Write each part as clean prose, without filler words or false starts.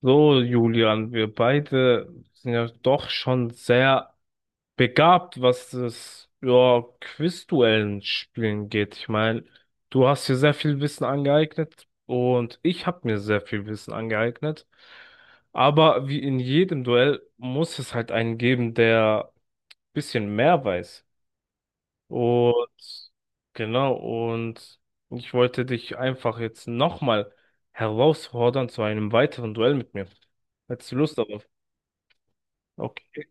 So, Julian, wir beide sind ja doch schon sehr begabt, was das, ja, Quizduellen spielen geht. Ich meine, du hast dir sehr viel Wissen angeeignet und ich habe mir sehr viel Wissen angeeignet. Aber wie in jedem Duell muss es halt einen geben, der ein bisschen mehr weiß. Und genau, und ich wollte dich einfach jetzt nochmal herausfordern zu einem weiteren Duell mit mir. Hättest du Lust darauf? Okay.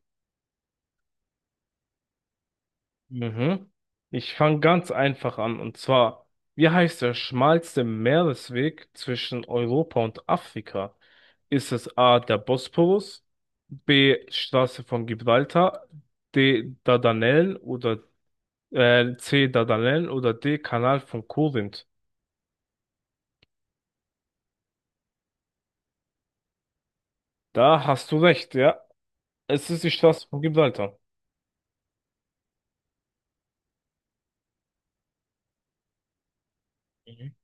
Mhm. Ich fange ganz einfach an. Und zwar, wie heißt der schmalste Meeresweg zwischen Europa und Afrika? Ist es A, der Bosporus, B, Straße von Gibraltar, D, Dardanellen oder C, Dardanellen oder D, Kanal von Korinth? Da hast du recht, ja. Es ist die Straße von Gibraltar. Mhm.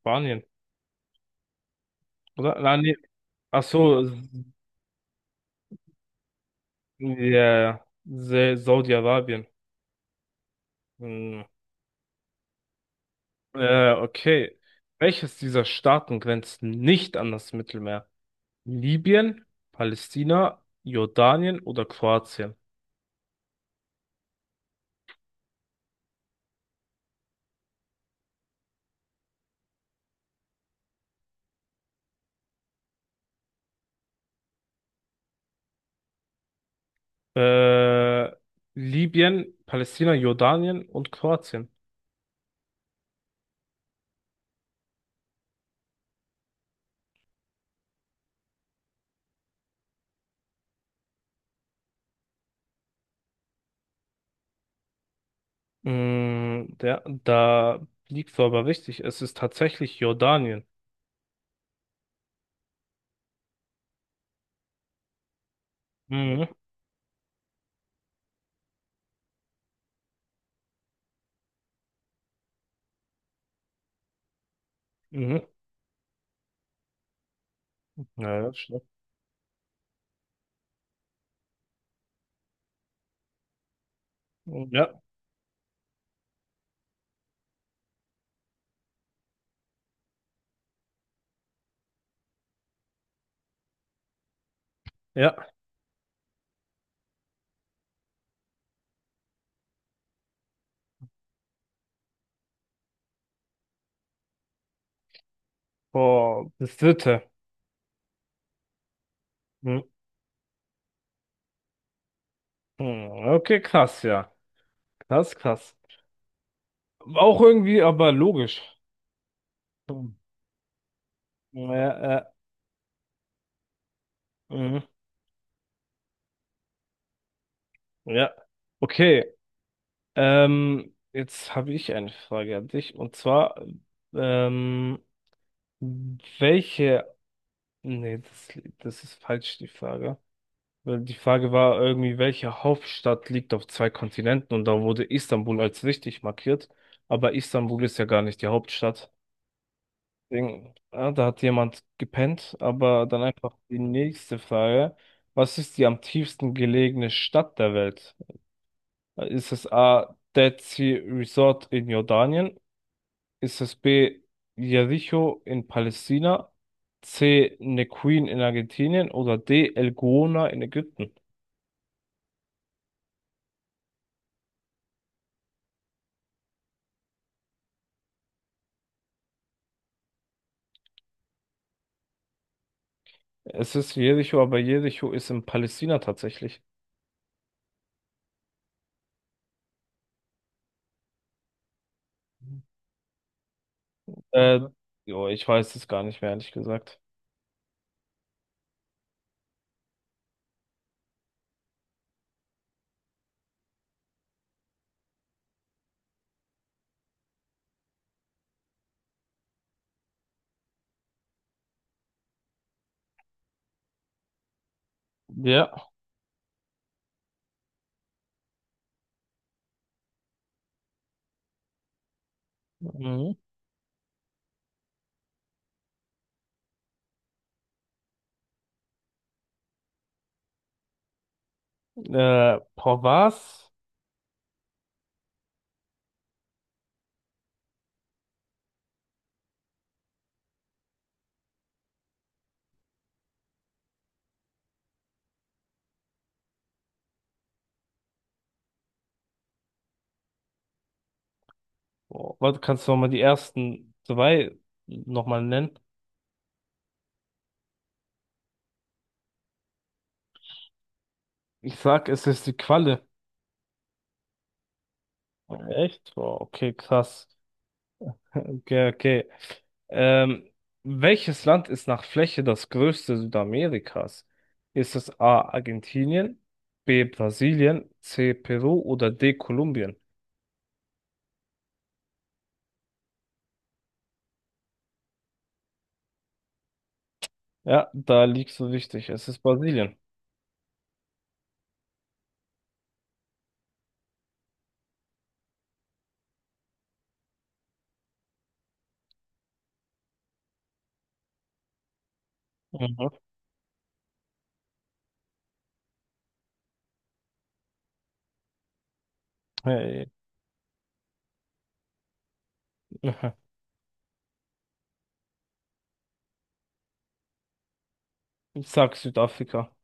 Spanien, oder? Nein, nee. Ach so, ja, ja. Saudi-Arabien. Hm. Okay. Welches dieser Staaten grenzt nicht an das Mittelmeer? Libyen, Palästina, Jordanien oder Kroatien? Äh, Libyen, Palästina, Jordanien und Kroatien. Mm, da liegst du aber richtig. Es ist tatsächlich Jordanien. Mhm. Mhm. Ja, ja, stimmt. Ja. Ja. Boah, das dritte. Mhm. Mhm. Okay, krass, ja. Krass, krass. Auch irgendwie, aber logisch. Ja, ja, mhm, ja. Okay, jetzt habe ich eine Frage an dich. Und zwar, ähm, welche, nee, das, das ist falsch, die Frage. Weil die Frage war irgendwie, welche Hauptstadt liegt auf zwei Kontinenten? Und da wurde Istanbul als richtig markiert. Aber Istanbul ist ja gar nicht die Hauptstadt. Deswegen, ah, da hat jemand gepennt. Aber dann einfach die nächste Frage. Was ist die am tiefsten gelegene Stadt der Welt? Ist es A. Dead Sea Resort in Jordanien? Ist es B. Jericho in Palästina? C. Neuquén in Argentinien? Oder D. El Gouna in Ägypten? Es ist Jericho, aber Jericho ist in Palästina tatsächlich. Äh, Jo, ich weiß es gar nicht mehr, ehrlich gesagt. Ja. Mhm. Boah, was? Boah, warte, kannst du nochmal die ersten zwei nochmal nennen? Ich sag, es ist die Qualle. Echt? Boah, okay, krass. Okay, okay. Ähm, Welches Land ist nach Fläche das größte Südamerikas? Ist es A. Argentinien, B. Brasilien, C. Peru oder D. Kolumbien? Ja, da liegst du richtig. Es ist Brasilien. Mhm. Hey. Ich sag Südafrika.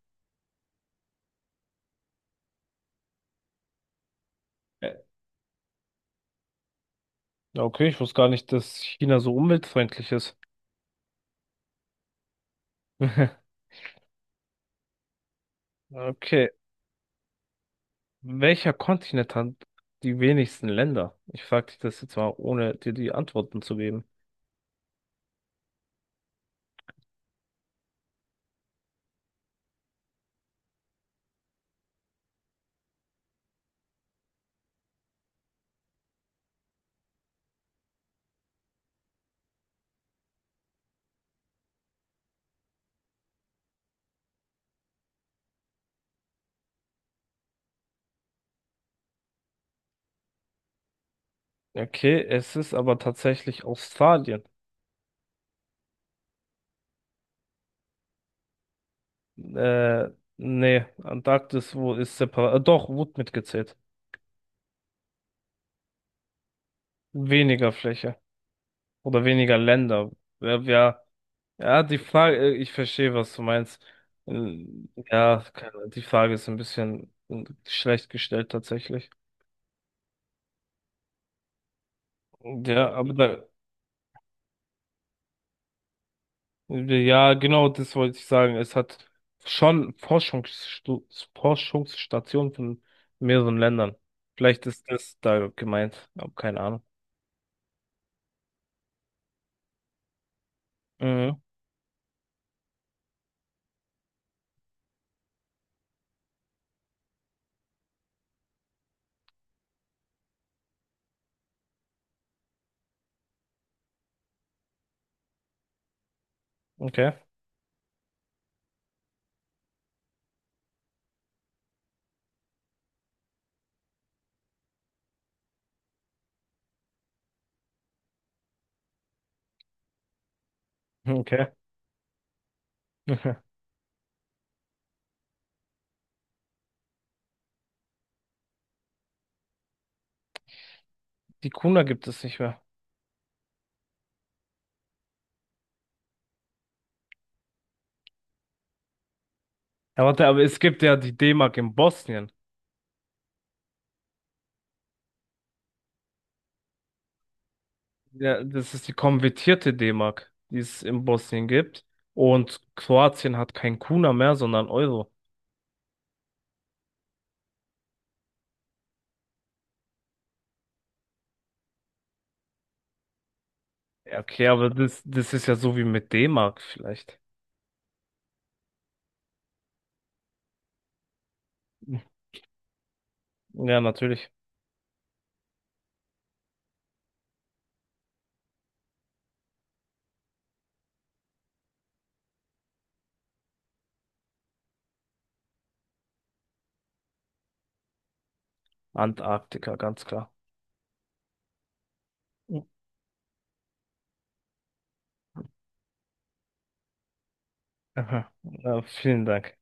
Äh, Okay, ich wusste gar nicht, dass China so umweltfreundlich ist. Okay. Welcher Kontinent hat die wenigsten Länder? Ich frage dich das jetzt mal, ohne dir die Antworten zu geben. Okay, es ist aber tatsächlich Australien. Äh, Nee, Antarktis, wo ist separat? Doch, wurde mitgezählt. Weniger Fläche oder weniger Länder. Ja, ja, ja, die Frage, ich verstehe, was du meinst. Ja, keine, Ahnung, die Frage ist ein bisschen schlecht gestellt tatsächlich. Ja, aber da. Ja, genau, das wollte ich sagen. Es hat schon Forschungsstu Forschungsstationen von mehreren Ländern. Vielleicht ist das da gemeint, aber keine Ahnung. Mhm. Okay, okay. Die Kuna gibt es nicht mehr. Ja, warte, aber es gibt ja die D-Mark in Bosnien. Ja, das ist die konvertierte D-Mark, die es in Bosnien gibt. Und Kroatien hat kein Kuna mehr, sondern Euro. Ja, okay, aber das, das ist ja so wie mit D-Mark vielleicht. Ja, natürlich. Antarktika, ganz klar. Aha. Ja, vielen Dank.